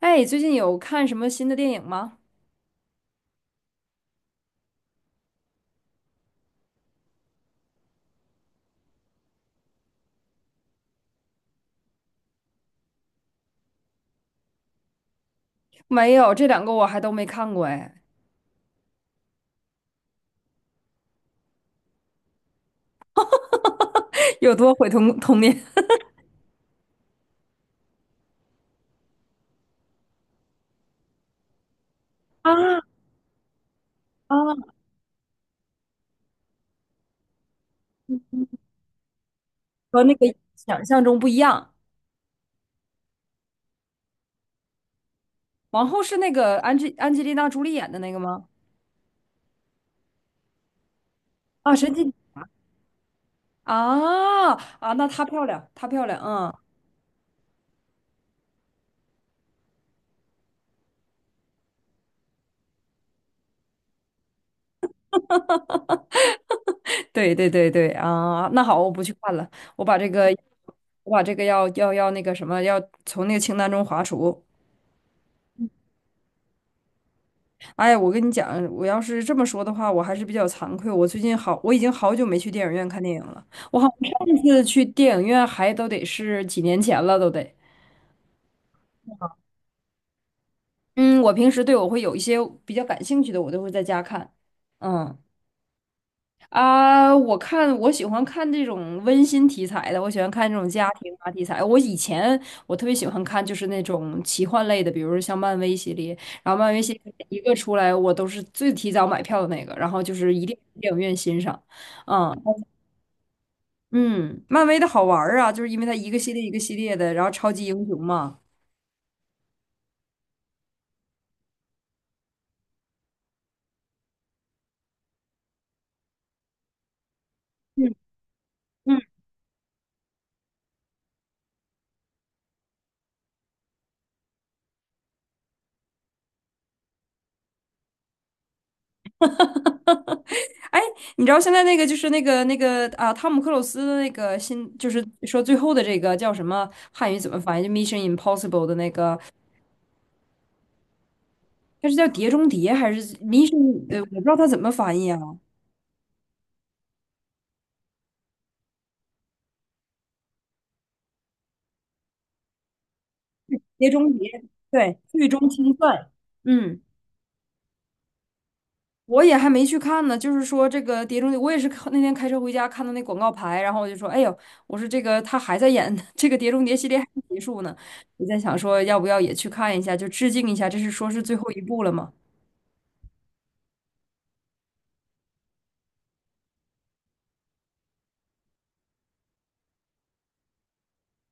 哎，最近有看什么新的电影吗？没有，这两个我还都没看过哎，有多毁童年。 啊啊，嗯嗯，和那个想象中不一样。王后是那个安吉丽娜朱莉演的那个吗？啊，神奇啊啊，那她漂亮，她漂亮，嗯，对对对对啊，那好，我不去看了，我把这个，我把这个要那个什么，要从那个清单中划除。哎呀，我跟你讲，我要是这么说的话，我还是比较惭愧。我已经好久没去电影院看电影了。我好像上次去电影院还都得是几年前了，都得。嗯，我平时，对，我会有一些比较感兴趣的，我都会在家看。嗯。啊，我喜欢看这种温馨题材的，我喜欢看这种家庭啊题材。我以前我特别喜欢看就是那种奇幻类的，比如说像漫威系列，然后漫威系列一个出来，我都是最提早买票的那个，然后就是一定去电影院欣赏。嗯嗯，漫威的好玩儿啊，就是因为它一个系列一个系列的，然后超级英雄嘛。嗯嗯，哎，你知道现在那个就是那个啊，汤姆克鲁斯的那个新，就是说最后的这个叫什么汉语怎么翻译？就《Mission Impossible》的那个，它是叫《碟中谍》还是《Mission》？我不知道它怎么翻译啊，《碟中谍》对，《狱中清算》。嗯，我也还没去看呢。就是说这个《碟中谍》，我也是看那天开车回家看到那广告牌，然后我就说，哎呦，我说这个他还在演 这个《碟中谍》系列还没结束呢。我在想说，要不要也去看一下，就致敬一下，这是说是最后一部了嘛？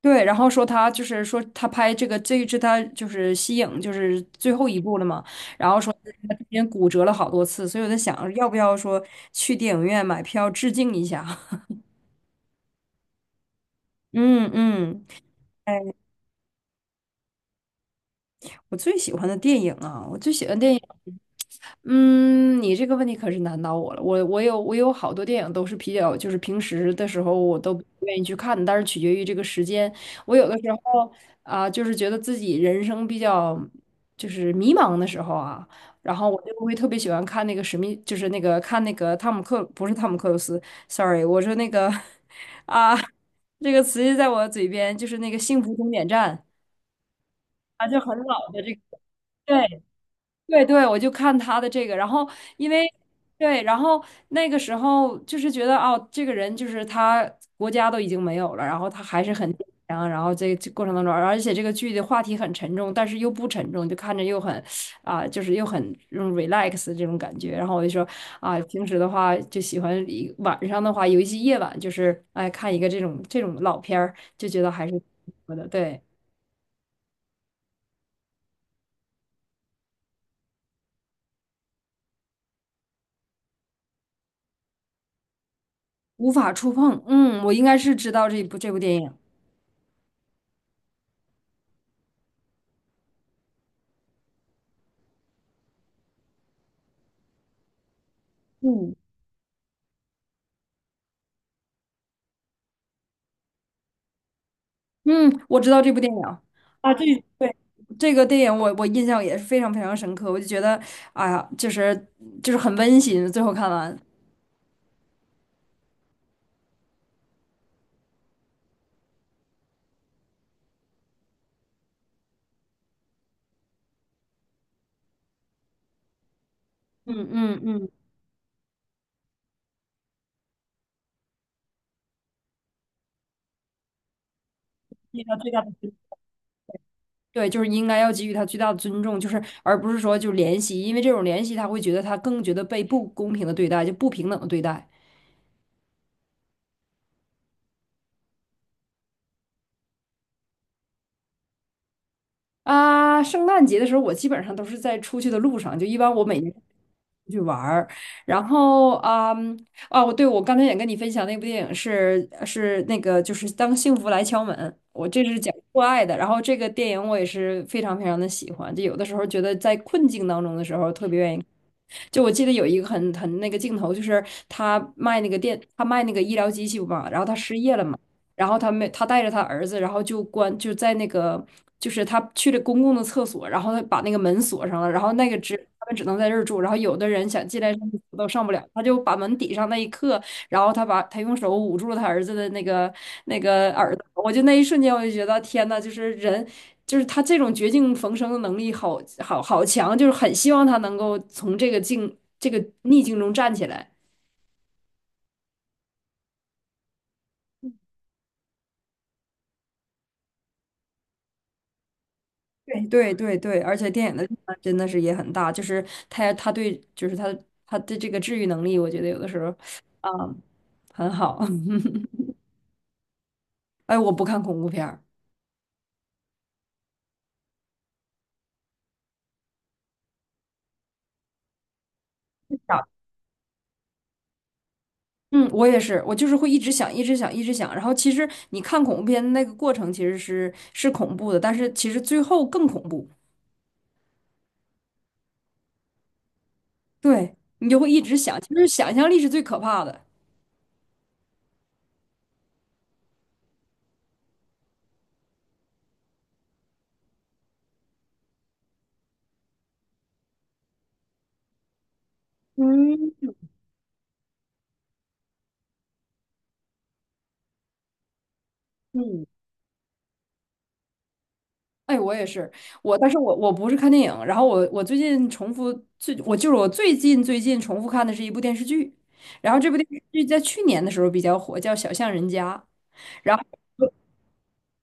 对，然后说他就是说他拍这个这一支他就是息影就是最后一部了嘛，然后说他中间骨折了好多次，所以我在想要不要说去电影院买票致敬一下？嗯嗯，哎。我最喜欢的电影啊，我最喜欢电影，嗯，你这个问题可是难倒我了。我有好多电影都是比较，就是平时的时候我都不愿意去看的，但是取决于这个时间。我有的时候啊，就是觉得自己人生比较就是迷茫的时候啊，然后我就会特别喜欢看那个史密，就是那个看那个汤姆克，不是汤姆克鲁斯，sorry，我说那个 啊，这个词就在我嘴边，就是那个《幸福终点站》啊，就很老的这个。对，对对，我就看他的这个，然后因为对，然后那个时候就是觉得哦，这个人就是他国家都已经没有了，然后他还是很坚强，然后这过程当中，而且这个剧的话题很沉重，但是又不沉重，就看着又很啊、就是又很这种 relax 这种感觉。然后我就说啊，平时的话就喜欢一晚上的话，尤其夜晚，就是哎看一个这种老片儿，就觉得还是不错的，对，无法触碰。嗯，我应该是知道这部电影。嗯。嗯，我知道这部电影。啊，这对，这个电影我印象也是非常非常深刻，我就觉得，哎呀，就是很温馨。最后看完，嗯嗯嗯，那他最大的尊对，就是应该要给予他最大的尊重，就是而不是说就怜惜，因为这种怜惜他会觉得他更觉得被不公平的对待，就不平等的对待。啊，圣诞节的时候，我基本上都是在出去的路上，就一般我每年出去玩儿。然后啊，嗯，哦，我对，我刚才也跟你分享那部电影是那个就是《当幸福来敲门》，我这是讲父爱的。然后这个电影我也是非常非常的喜欢，就有的时候觉得在困境当中的时候特别愿意。就我记得有一个很那个镜头，就是他卖那个医疗机器嘛，然后他失业了嘛。然后他没，他带着他儿子，然后就在那个就是他去了公共的厕所，然后他把那个门锁上了，然后那个只他们只能在这儿住，然后有的人想进来上厕所都上不了，他就把门抵上那一刻，然后他把他用手捂住了他儿子的那个耳朵，我就那一瞬间我就觉得天呐，就是人。就是他这种绝境逢生的能力好强，就是很希望他能够从这个境这个逆境中站起来。对对对对，而且电影的力量真的是也很大，就是他对就是他的这个治愈能力，我觉得有的时候啊、很好。哎，我不看恐怖片儿。是的，嗯，我也是，我就是会一直想，一直想，一直想。然后其实你看恐怖片的那个过程其实是恐怖的，但是其实最后更恐怖。对，你就会一直想，其实想象力是最可怕的。嗯。哎，我也是，但是我不是看电影，然后我最近重复我就是我最近重复看的是一部电视剧，然后这部电视剧在去年的时候比较火，叫《小巷人家》。然后。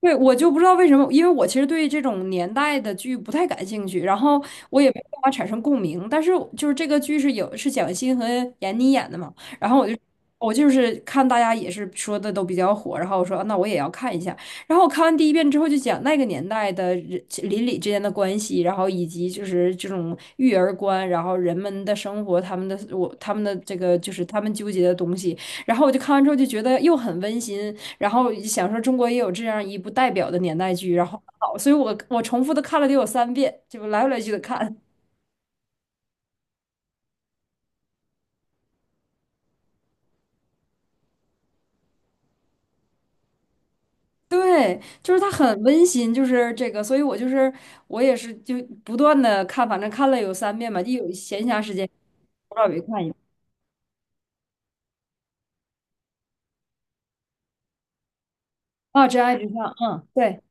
对，我就不知道为什么，因为我其实对这种年代的剧不太感兴趣，然后我也没办法产生共鸣。但是就是这个剧是蒋欣和闫妮演的嘛，然后我就是看大家也是说的都比较火，然后我说啊那我也要看一下。然后我看完第一遍之后，就讲那个年代的人邻里之间的关系，然后以及就是这种育儿观，然后人们的生活，他们的这个就是他们纠结的东西。然后我就看完之后就觉得又很温馨。然后想说中国也有这样一部代表的年代剧，然后好，所以我重复的看了得有三遍，就来回来去的看。对，就是它很温馨，就是这个，所以我就是我也是就不断的看，反正看了有三遍吧，一有闲暇时间，不知道有看一遍啊，《真爱至上》，嗯，对。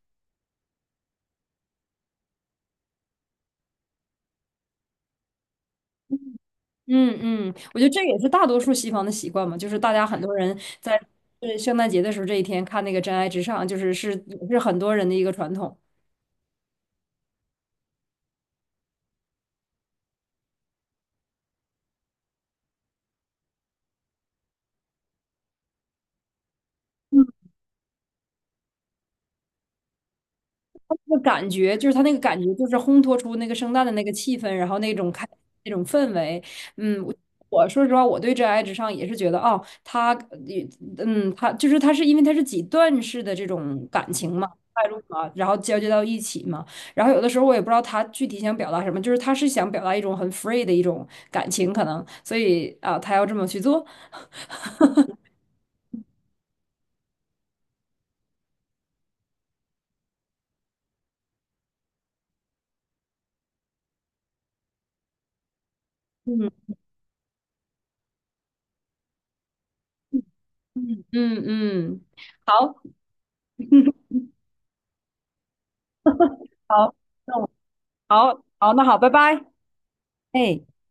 嗯嗯，我觉得这也是大多数西方的习惯嘛，就是大家很多人在圣诞节的时候这一天看那个《真爱至上》，就是也是很多人的一个传统。那感觉就是他那个感觉，就是烘托出那个圣诞的那个气氛，然后那种氛围。嗯，我说实话，我对《真爱至上》也是觉得，哦，他，也他是因为他是几段式的这种感情嘛，带入嘛，然后交接到一起嘛。然后有的时候我也不知道他具体想表达什么，就是他是想表达一种很 free 的一种感情，可能，所以啊，他要这么去做。嗯嗯嗯嗯，好好，那我好好，那好，拜拜。哎。